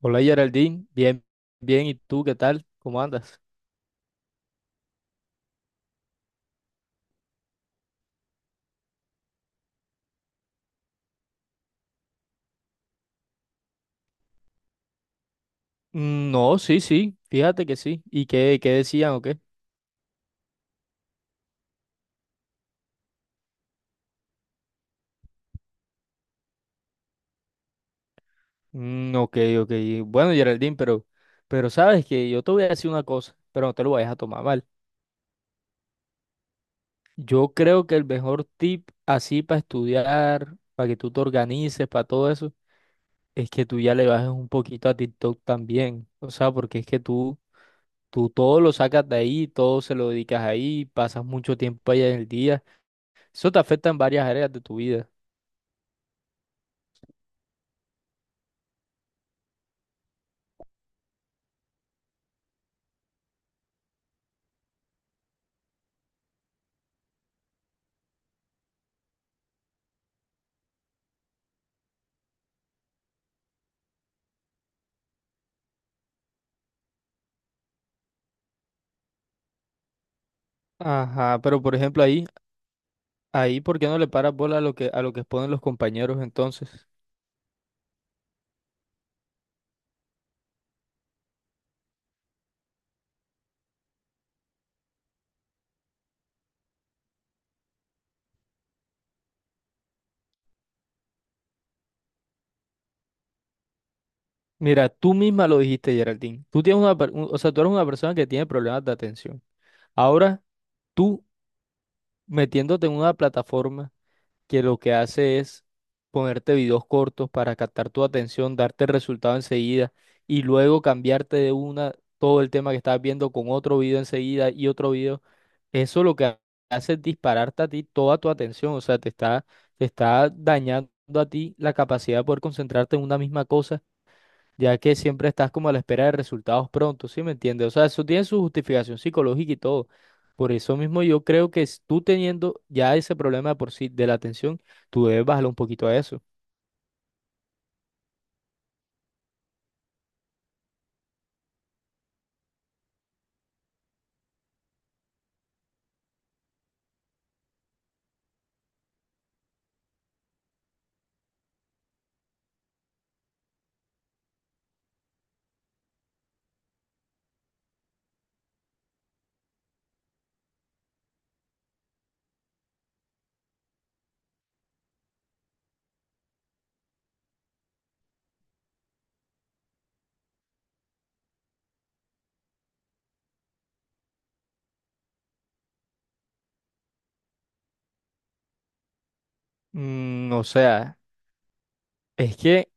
Hola Geraldine, bien, bien, ¿y tú qué tal? ¿Cómo andas? Mm, no, sí, sí, fíjate que sí. ¿Y qué decían o qué? Mm, ok, ok. Bueno, Geraldine, pero sabes que yo te voy a decir una cosa, pero no te lo vayas a tomar mal. Yo creo que el mejor tip así para estudiar, para que tú te organices, para todo eso, es que tú ya le bajes un poquito a TikTok también. O sea, porque es que tú todo lo sacas de ahí, todo se lo dedicas ahí, pasas mucho tiempo allá en el día. Eso te afecta en varias áreas de tu vida. Ajá, pero por ejemplo ahí, ¿por qué no le paras bola a lo que, exponen los compañeros entonces? Mira, tú misma lo dijiste, Geraldine. Tú tienes una, o sea, tú eres una persona que tiene problemas de atención. Ahora, tú metiéndote en una plataforma que lo que hace es ponerte videos cortos para captar tu atención, darte el resultado enseguida y luego cambiarte de una todo el tema que estás viendo con otro video enseguida y otro video. Eso lo que hace es dispararte a ti toda tu atención, o sea, te está, dañando a ti la capacidad de poder concentrarte en una misma cosa, ya que siempre estás como a la espera de resultados prontos, ¿sí me entiendes? O sea, eso tiene su justificación psicológica y todo. Por eso mismo yo creo que tú teniendo ya ese problema de por sí de la atención, tú debes bajarle un poquito a eso. Mm, o sea, es que...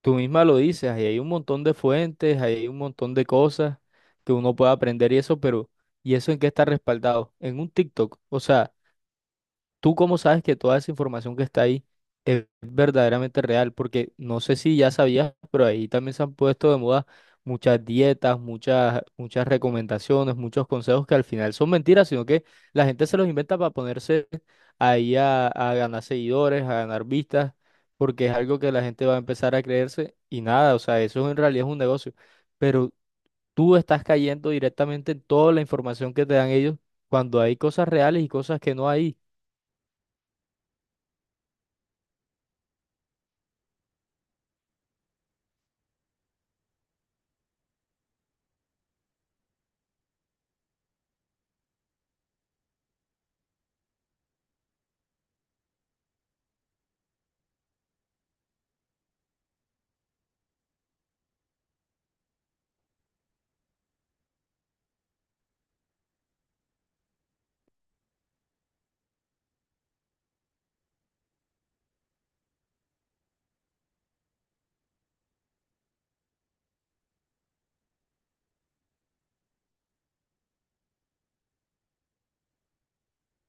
Tú misma lo dices, ahí hay un montón de fuentes, ahí hay un montón de cosas que uno puede aprender y eso, pero ¿y eso en qué está respaldado? En un TikTok. O sea, ¿tú cómo sabes que toda esa información que está ahí es verdaderamente real? Porque no sé si ya sabías, pero ahí también se han puesto de moda muchas dietas, muchas recomendaciones, muchos consejos que al final son mentiras, sino que la gente se los inventa para ponerse ahí a ganar seguidores, a ganar vistas, porque es algo que la gente va a empezar a creerse y nada, o sea, eso en realidad es un negocio. Pero tú estás cayendo directamente en toda la información que te dan ellos cuando hay cosas reales y cosas que no hay.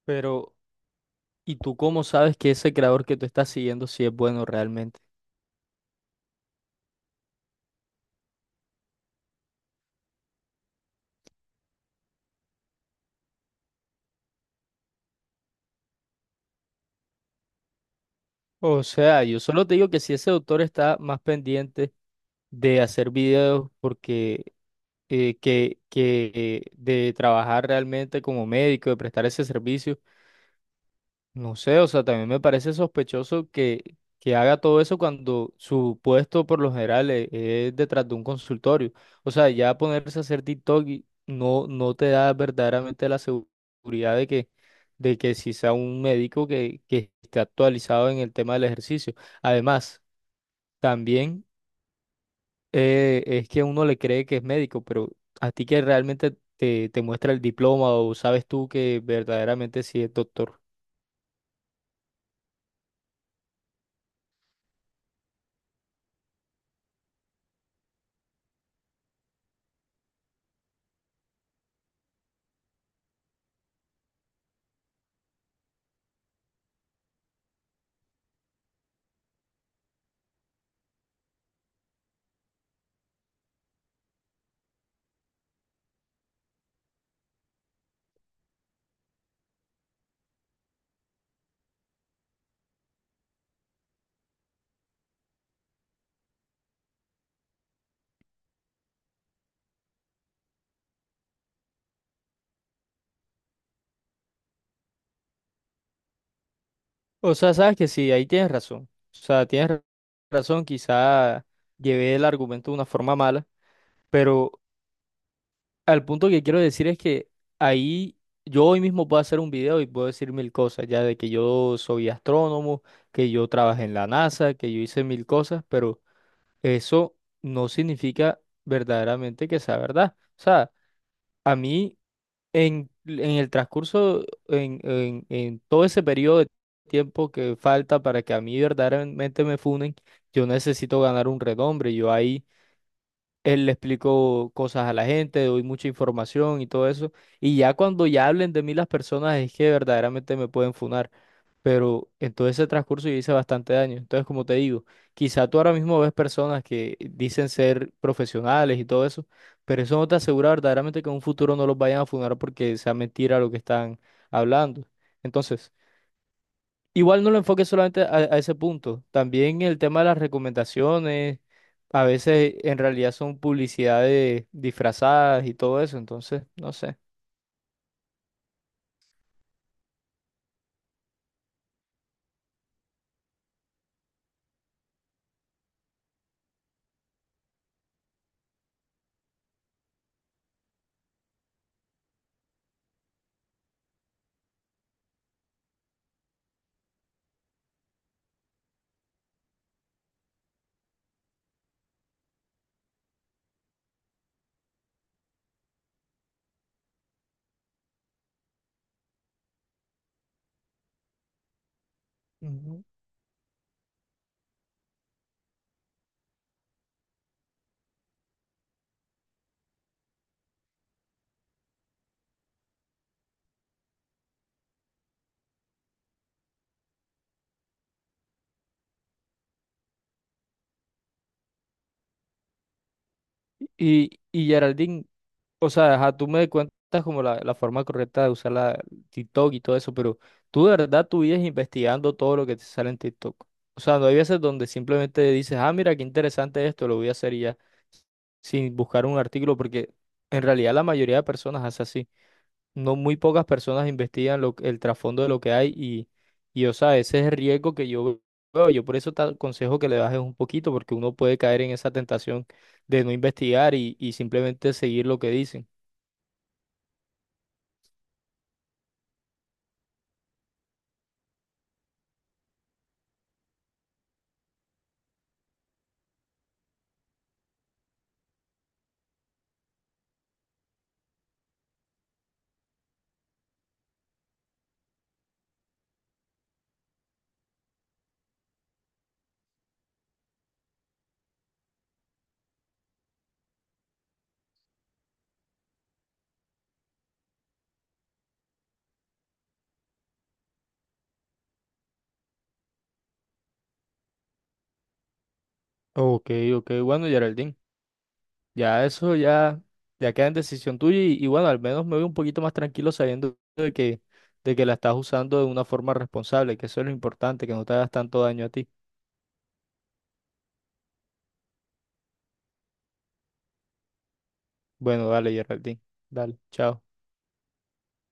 Pero ¿y tú cómo sabes que ese creador que tú estás siguiendo sí es bueno realmente? O sea, yo solo te digo que si ese autor está más pendiente de hacer videos porque que de trabajar realmente como médico, de prestar ese servicio, no sé, o sea, también me parece sospechoso que, haga todo eso cuando su puesto por lo general es, detrás de un consultorio. O sea, ya ponerse a hacer TikTok y no, no te da verdaderamente la seguridad de que si sea un médico que, esté actualizado en el tema del ejercicio. Además, también es que uno le cree que es médico, pero a ti que realmente te, muestra el diploma o sabes tú que verdaderamente sí es doctor. O sea, sabes que sí, ahí tienes razón. O sea, tienes razón, quizá llevé el argumento de una forma mala, pero al punto que quiero decir es que ahí yo hoy mismo puedo hacer un video y puedo decir mil cosas, ya de que yo soy astrónomo, que yo trabajé en la NASA, que yo hice mil cosas, pero eso no significa verdaderamente que sea verdad. O sea, a mí... En el transcurso, en todo ese periodo de tiempo que falta para que a mí verdaderamente me funen, yo necesito ganar un renombre. Yo ahí él le explicó cosas a la gente, doy mucha información y todo eso. Y ya cuando ya hablen de mí las personas es que verdaderamente me pueden funar. Pero en todo ese transcurso yo hice bastante daño. Entonces, como te digo, quizá tú ahora mismo ves personas que dicen ser profesionales y todo eso, pero eso no te asegura verdaderamente que en un futuro no los vayan a funar porque sea mentira lo que están hablando. Entonces, igual no lo enfoques solamente a ese punto. También el tema de las recomendaciones, a veces en realidad son publicidades disfrazadas y todo eso, entonces, no sé. Ujú. Y Geraldine, o sea, ajá, tú me cuentas como la forma correcta de usar la TikTok y todo eso, pero tú de verdad tú vives investigando todo lo que te sale en TikTok. O sea, no hay veces donde simplemente dices, ah, mira, qué interesante esto, lo voy a hacer y ya, sin buscar un artículo, porque en realidad la mayoría de personas hace así. No muy pocas personas investigan el trasfondo de lo que hay y, o sea, ese es el riesgo que yo veo. Yo por eso te aconsejo que le bajes un poquito, porque uno puede caer en esa tentación de no investigar y simplemente seguir lo que dicen. Ok, ok, bueno, Geraldine, ya eso ya queda en decisión tuya y bueno, al menos me voy un poquito más tranquilo sabiendo de que la estás usando de una forma responsable, que eso es lo importante, que no te hagas tanto daño a ti. Bueno, dale, Geraldine, dale, chao.